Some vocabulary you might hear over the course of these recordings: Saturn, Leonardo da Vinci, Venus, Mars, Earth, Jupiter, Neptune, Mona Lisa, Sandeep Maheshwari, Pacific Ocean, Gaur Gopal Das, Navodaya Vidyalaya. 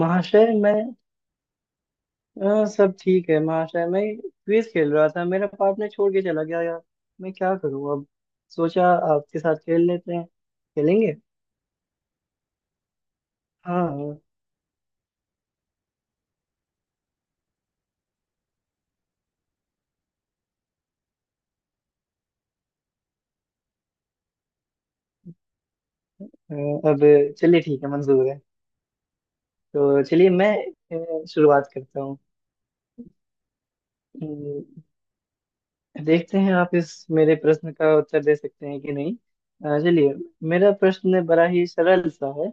महाशय मैं हाँ, सब ठीक है महाशय। मैं क्विज खेल रहा था। मेरा पार्टनर छोड़ के चला गया यार। मैं क्या करूँ अब? सोचा आपके साथ खेल लेते हैं। खेलेंगे? हाँ हाँ, हाँ। अब चलिए ठीक है, मंजूर है। तो चलिए मैं शुरुआत करता हूँ। हम्म, देखते हैं आप इस मेरे प्रश्न का उत्तर दे सकते हैं कि नहीं। चलिए। मेरा प्रश्न बड़ा ही सरल सा है।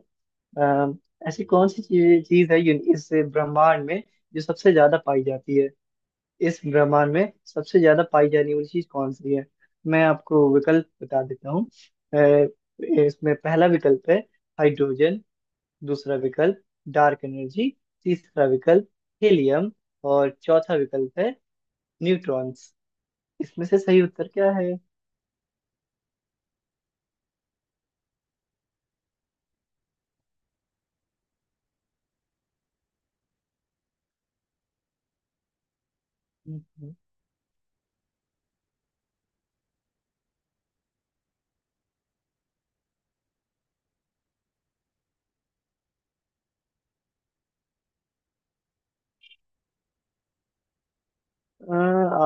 अ, ऐसी कौन सी चीज चीज है इस ब्रह्मांड में जो सबसे ज्यादा पाई जाती है? इस ब्रह्मांड में सबसे ज्यादा पाई जाने वाली चीज कौन सी है? मैं आपको विकल्प बता देता हूँ। अ, इसमें पहला विकल्प है हाइड्रोजन। दूसरा विकल्प, डार्क एनर्जी। तीसरा विकल्प, हीलियम। और चौथा विकल्प है न्यूट्रॉन्स। इसमें से सही उत्तर क्या है? हम्म। अ,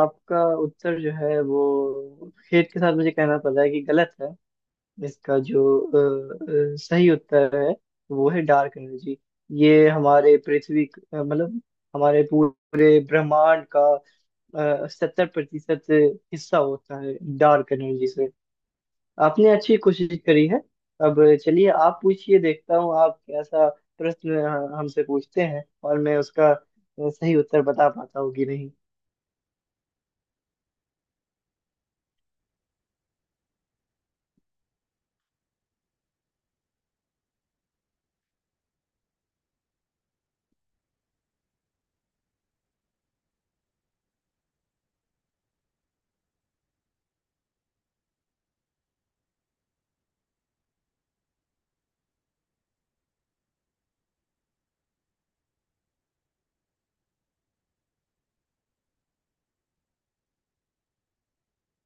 आपका उत्तर जो है वो खेद के साथ मुझे कहना पड़ रहा है कि गलत है। इसका जो सही उत्तर है वो है डार्क एनर्जी। ये हमारे मतलब, हमारे पूरे ब्रह्मांड का 70% हिस्सा होता है डार्क एनर्जी से। आपने अच्छी कोशिश करी है। अब चलिए, आप पूछिए। देखता हूँ आप कैसा प्रश्न हमसे पूछते हैं और मैं उसका सही उत्तर बता पाता हूँ कि नहीं।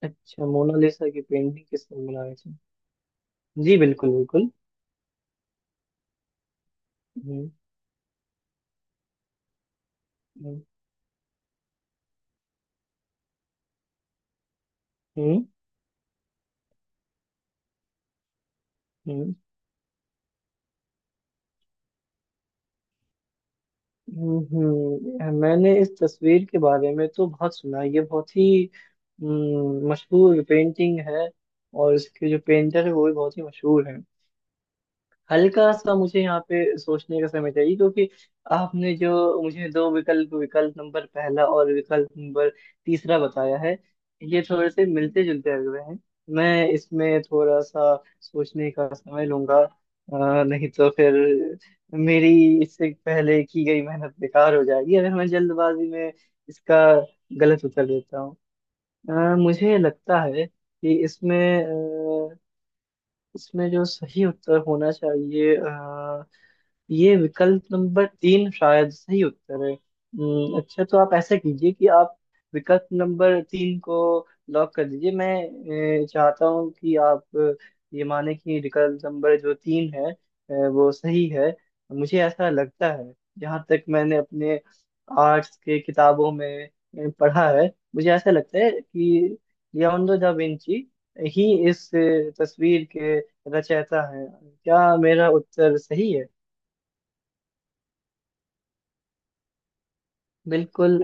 अच्छा, मोनालिसा की पेंटिंग किसने बनाई थी? जी बिल्कुल बिल्कुल। हम्म हम्म हम्म हम्म। मैंने इस तस्वीर के बारे में तो बहुत सुना है। ये बहुत ही मशहूर पेंटिंग है। और इसके जो पेंटर है वो भी बहुत ही मशहूर है। हल्का सा मुझे यहाँ पे सोचने का समय चाहिए, क्योंकि आपने जो मुझे दो विकल्प, विकल्प नंबर पहला और विकल्प नंबर तीसरा बताया है, ये थोड़े से मिलते जुलते लग रहे हैं। मैं इसमें थोड़ा सा सोचने का समय लूंगा। नहीं तो फिर मेरी इससे पहले की गई मेहनत बेकार हो जाएगी अगर मैं जल्दबाजी में इसका गलत उत्तर देता हूँ। मुझे लगता है कि अ, इसमें जो सही उत्तर होना चाहिए, ये विकल्प नंबर तीन शायद सही उत्तर है। अच्छा, तो आप ऐसा कीजिए कि आप विकल्प नंबर तीन को लॉक कर दीजिए। मैं चाहता हूँ कि आप ये माने कि विकल्प नंबर जो तीन है वो सही है। मुझे ऐसा लगता है। जहाँ तक मैंने अपने आर्ट्स के किताबों में पढ़ा है, मुझे ऐसा लगता है कि लियोनार्डो दा विंची ही इस तस्वीर के रचयिता हैं। क्या मेरा उत्तर सही है? बिल्कुल।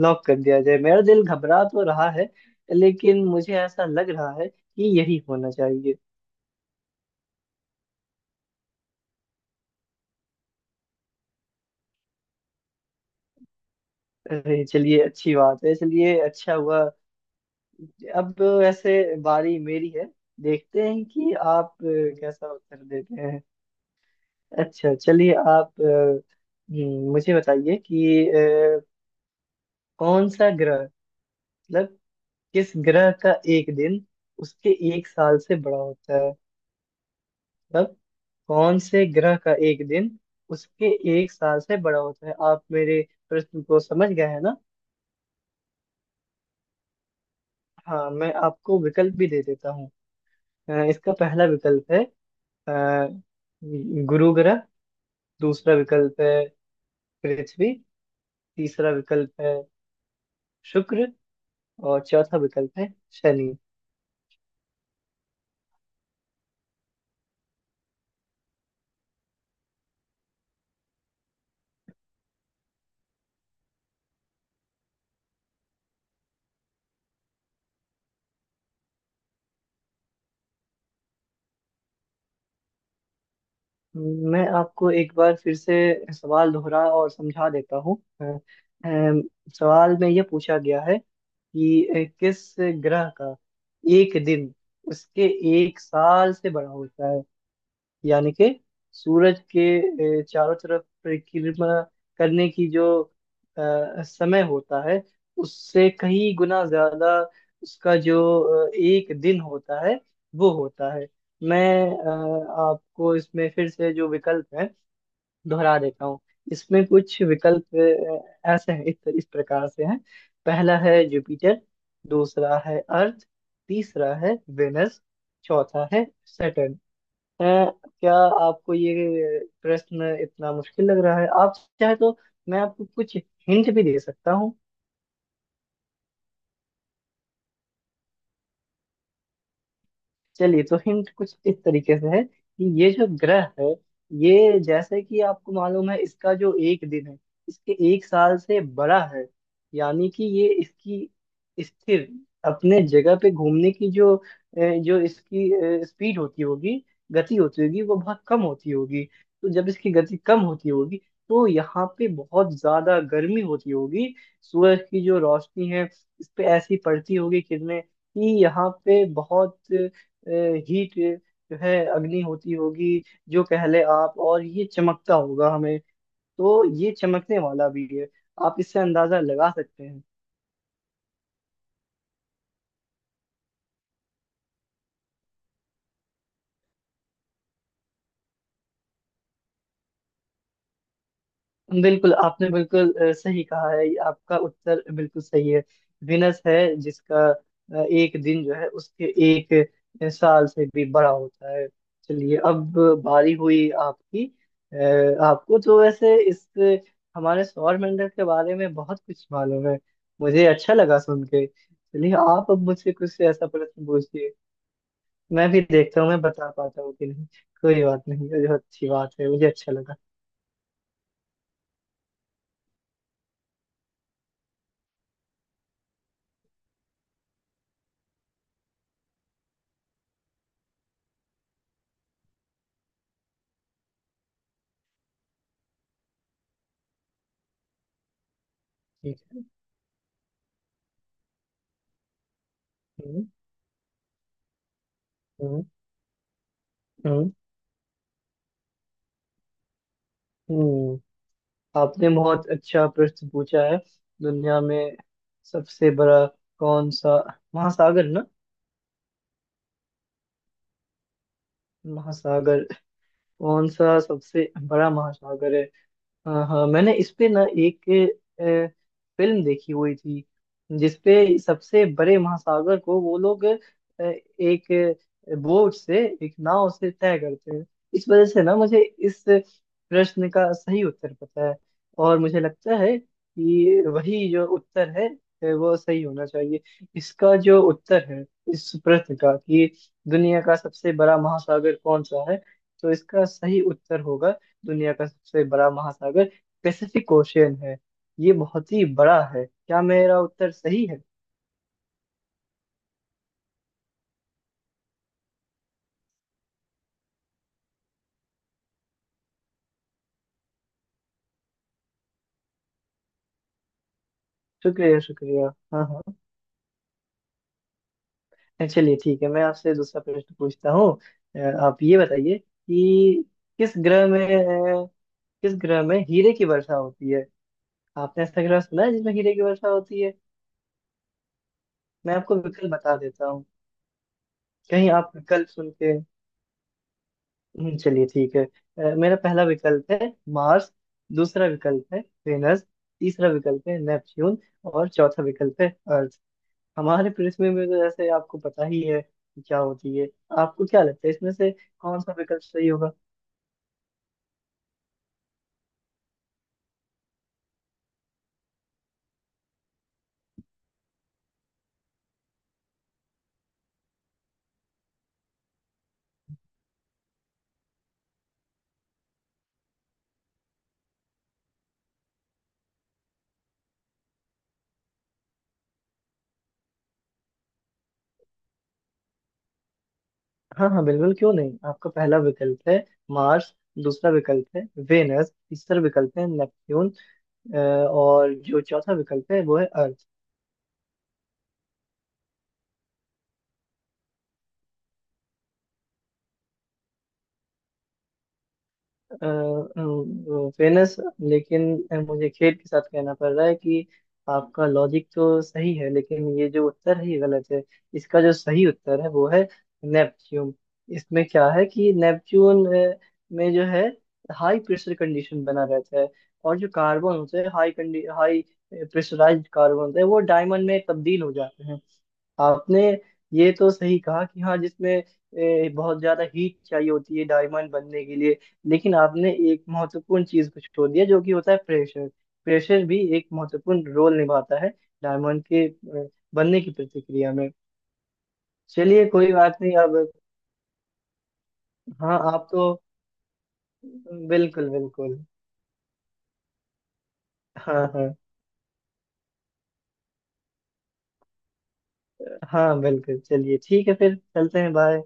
लॉक कर दिया जाए। मेरा दिल घबरा तो रहा है, लेकिन मुझे ऐसा लग रहा है कि यही होना चाहिए। अरे चलिए, अच्छी बात है। चलिए, अच्छा हुआ। अब ऐसे बारी मेरी है। देखते हैं कि आप कैसा उत्तर देते हैं। अच्छा चलिए, आप मुझे बताइए कि कौन सा ग्रह, मतलब किस ग्रह का एक दिन उसके एक साल से बड़ा होता है? मतलब कौन से ग्रह का एक दिन उसके एक साल से बड़ा होता है? आप मेरे प्रश्न को समझ गए हैं ना? हाँ, मैं आपको विकल्प भी दे देता हूँ। इसका पहला विकल्प है अ, गुरु ग्रह। दूसरा विकल्प है पृथ्वी। तीसरा विकल्प है शुक्र। और चौथा विकल्प है शनि। मैं आपको एक बार फिर से सवाल दोहरा और समझा देता हूँ। सवाल में यह पूछा गया है कि किस ग्रह का एक दिन उसके एक साल से बड़ा होता है। यानी कि सूरज के चारों तरफ परिक्रमा करने की जो समय होता है उससे कहीं गुना ज्यादा उसका जो एक दिन होता है, वो होता है। मैं आपको इसमें फिर से जो विकल्प है दोहरा देता हूँ। इसमें कुछ विकल्प ऐसे हैं, इस प्रकार से हैं। पहला है जुपिटर। दूसरा है अर्थ। तीसरा है वेनस। चौथा है सैटर्न। है क्या? आपको ये प्रश्न इतना मुश्किल लग रहा है? आप चाहे तो मैं आपको कुछ हिंट भी दे सकता हूँ। चलिए, तो हिंट कुछ इस तरीके से है कि ये जो ग्रह है, ये, जैसे कि आपको मालूम है, इसका जो एक दिन है इसके एक साल से बड़ा है। यानी कि ये इसकी स्थिर अपने जगह पे घूमने की जो इसकी स्पीड होती होगी, गति होती होगी, वो बहुत कम होती होगी। तो जब इसकी गति कम होती होगी, तो यहाँ पे बहुत ज्यादा गर्मी होती होगी। सूरज की जो रोशनी है, इस पे ऐसी पड़ती होगी किरणें कि यहाँ पे बहुत हीट जो है, अग्नि होती होगी, जो कह ले आप, और ये चमकता होगा हमें। तो ये चमकने वाला भी है। आप इससे अंदाजा लगा सकते हैं। बिल्कुल, आपने बिल्कुल सही कहा है। आपका उत्तर बिल्कुल सही है। विनस है जिसका एक दिन जो है उसके एक साल से भी बड़ा होता है। चलिए अब बारी हुई आपकी। अ, आपको तो वैसे इस हमारे सौरमंडल के बारे में बहुत कुछ मालूम है। मुझे अच्छा लगा सुन के। चलिए आप अब मुझसे कुछ ऐसा प्रश्न पूछिए। मैं भी देखता हूँ मैं बता पाता हूँ कि नहीं। कोई बात नहीं, ये बहुत अच्छी बात है, मुझे अच्छा लगा। ठीक है। हम्म हम्म हम्म। हम्म। आपने बहुत अच्छा प्रश्न पूछा है। दुनिया में सबसे बड़ा कौन सा महासागर, ना? महासागर? कौन सा सबसे बड़ा महासागर है? हाँ हाँ, मैंने इस पे ना एक अ, फिल्म देखी हुई थी, जिसपे सबसे बड़े महासागर को वो लोग एक बोट से, एक नाव से तय करते हैं। इस वजह से ना मुझे इस प्रश्न का सही उत्तर पता है। और मुझे लगता है कि वही जो उत्तर है वो सही होना चाहिए। इसका जो उत्तर है इस प्रश्न का कि दुनिया का सबसे बड़ा महासागर कौन सा है, तो इसका सही उत्तर होगा, दुनिया का सबसे बड़ा महासागर पैसिफिक ओशियन है। ये बहुत ही बड़ा है। क्या मेरा उत्तर सही है? शुक्रिया शुक्रिया। हाँ हाँ, चलिए ठीक है, मैं आपसे दूसरा प्रश्न पूछता हूँ। अ, आप ये बताइए कि किस ग्रह में अ, किस ग्रह में हीरे की वर्षा होती है? आपने ऐसा ग्रह सुना है जिसमें हीरे की वर्षा होती है? मैं आपको विकल्प बता देता हूँ। कहीं आप विकल्प सुन के। चलिए ठीक है। मेरा पहला विकल्प है मार्स। दूसरा विकल्प है वेनस। तीसरा विकल्प है नेपच्यून। और चौथा विकल्प है अर्थ। हमारे पृथ्वी में तो जैसे आपको पता ही है कि क्या होती है। आपको क्या लगता है इसमें से कौन सा विकल्प सही होगा? हाँ हाँ, बिल्कुल, क्यों नहीं। आपका पहला विकल्प है मार्स। दूसरा विकल्प है वेनस। तीसरा विकल्प है नेपच्यून। और जो चौथा विकल्प है वो है अर्थ। फेमस। लेकिन मुझे खेद के साथ कहना पड़ रहा है कि आपका लॉजिक तो सही है, लेकिन ये जो उत्तर है ये गलत है। इसका जो सही उत्तर है वो है नेपच्यून। इसमें क्या है कि नेपच्यून में जो है हाई प्रेशर कंडीशन बना रहता है, और जो कार्बन होते हैं, हाई हाई प्रेशराइज्ड कार्बन होते हैं वो डायमंड में तब्दील हो जाते हैं। आपने ये तो सही कहा कि हाँ जिसमें बहुत ज्यादा हीट चाहिए होती है डायमंड बनने के लिए। लेकिन आपने एक महत्वपूर्ण चीज को छोड़ दिया जो कि होता है प्रेशर। प्रेशर भी एक महत्वपूर्ण रोल निभाता है डायमंड के बनने की प्रतिक्रिया में। चलिए कोई बात नहीं। अब हाँ, आप तो बिल्कुल बिल्कुल। हाँ हाँ। हाँ बिल्कुल, चलिए ठीक है, फिर चलते हैं। बाय।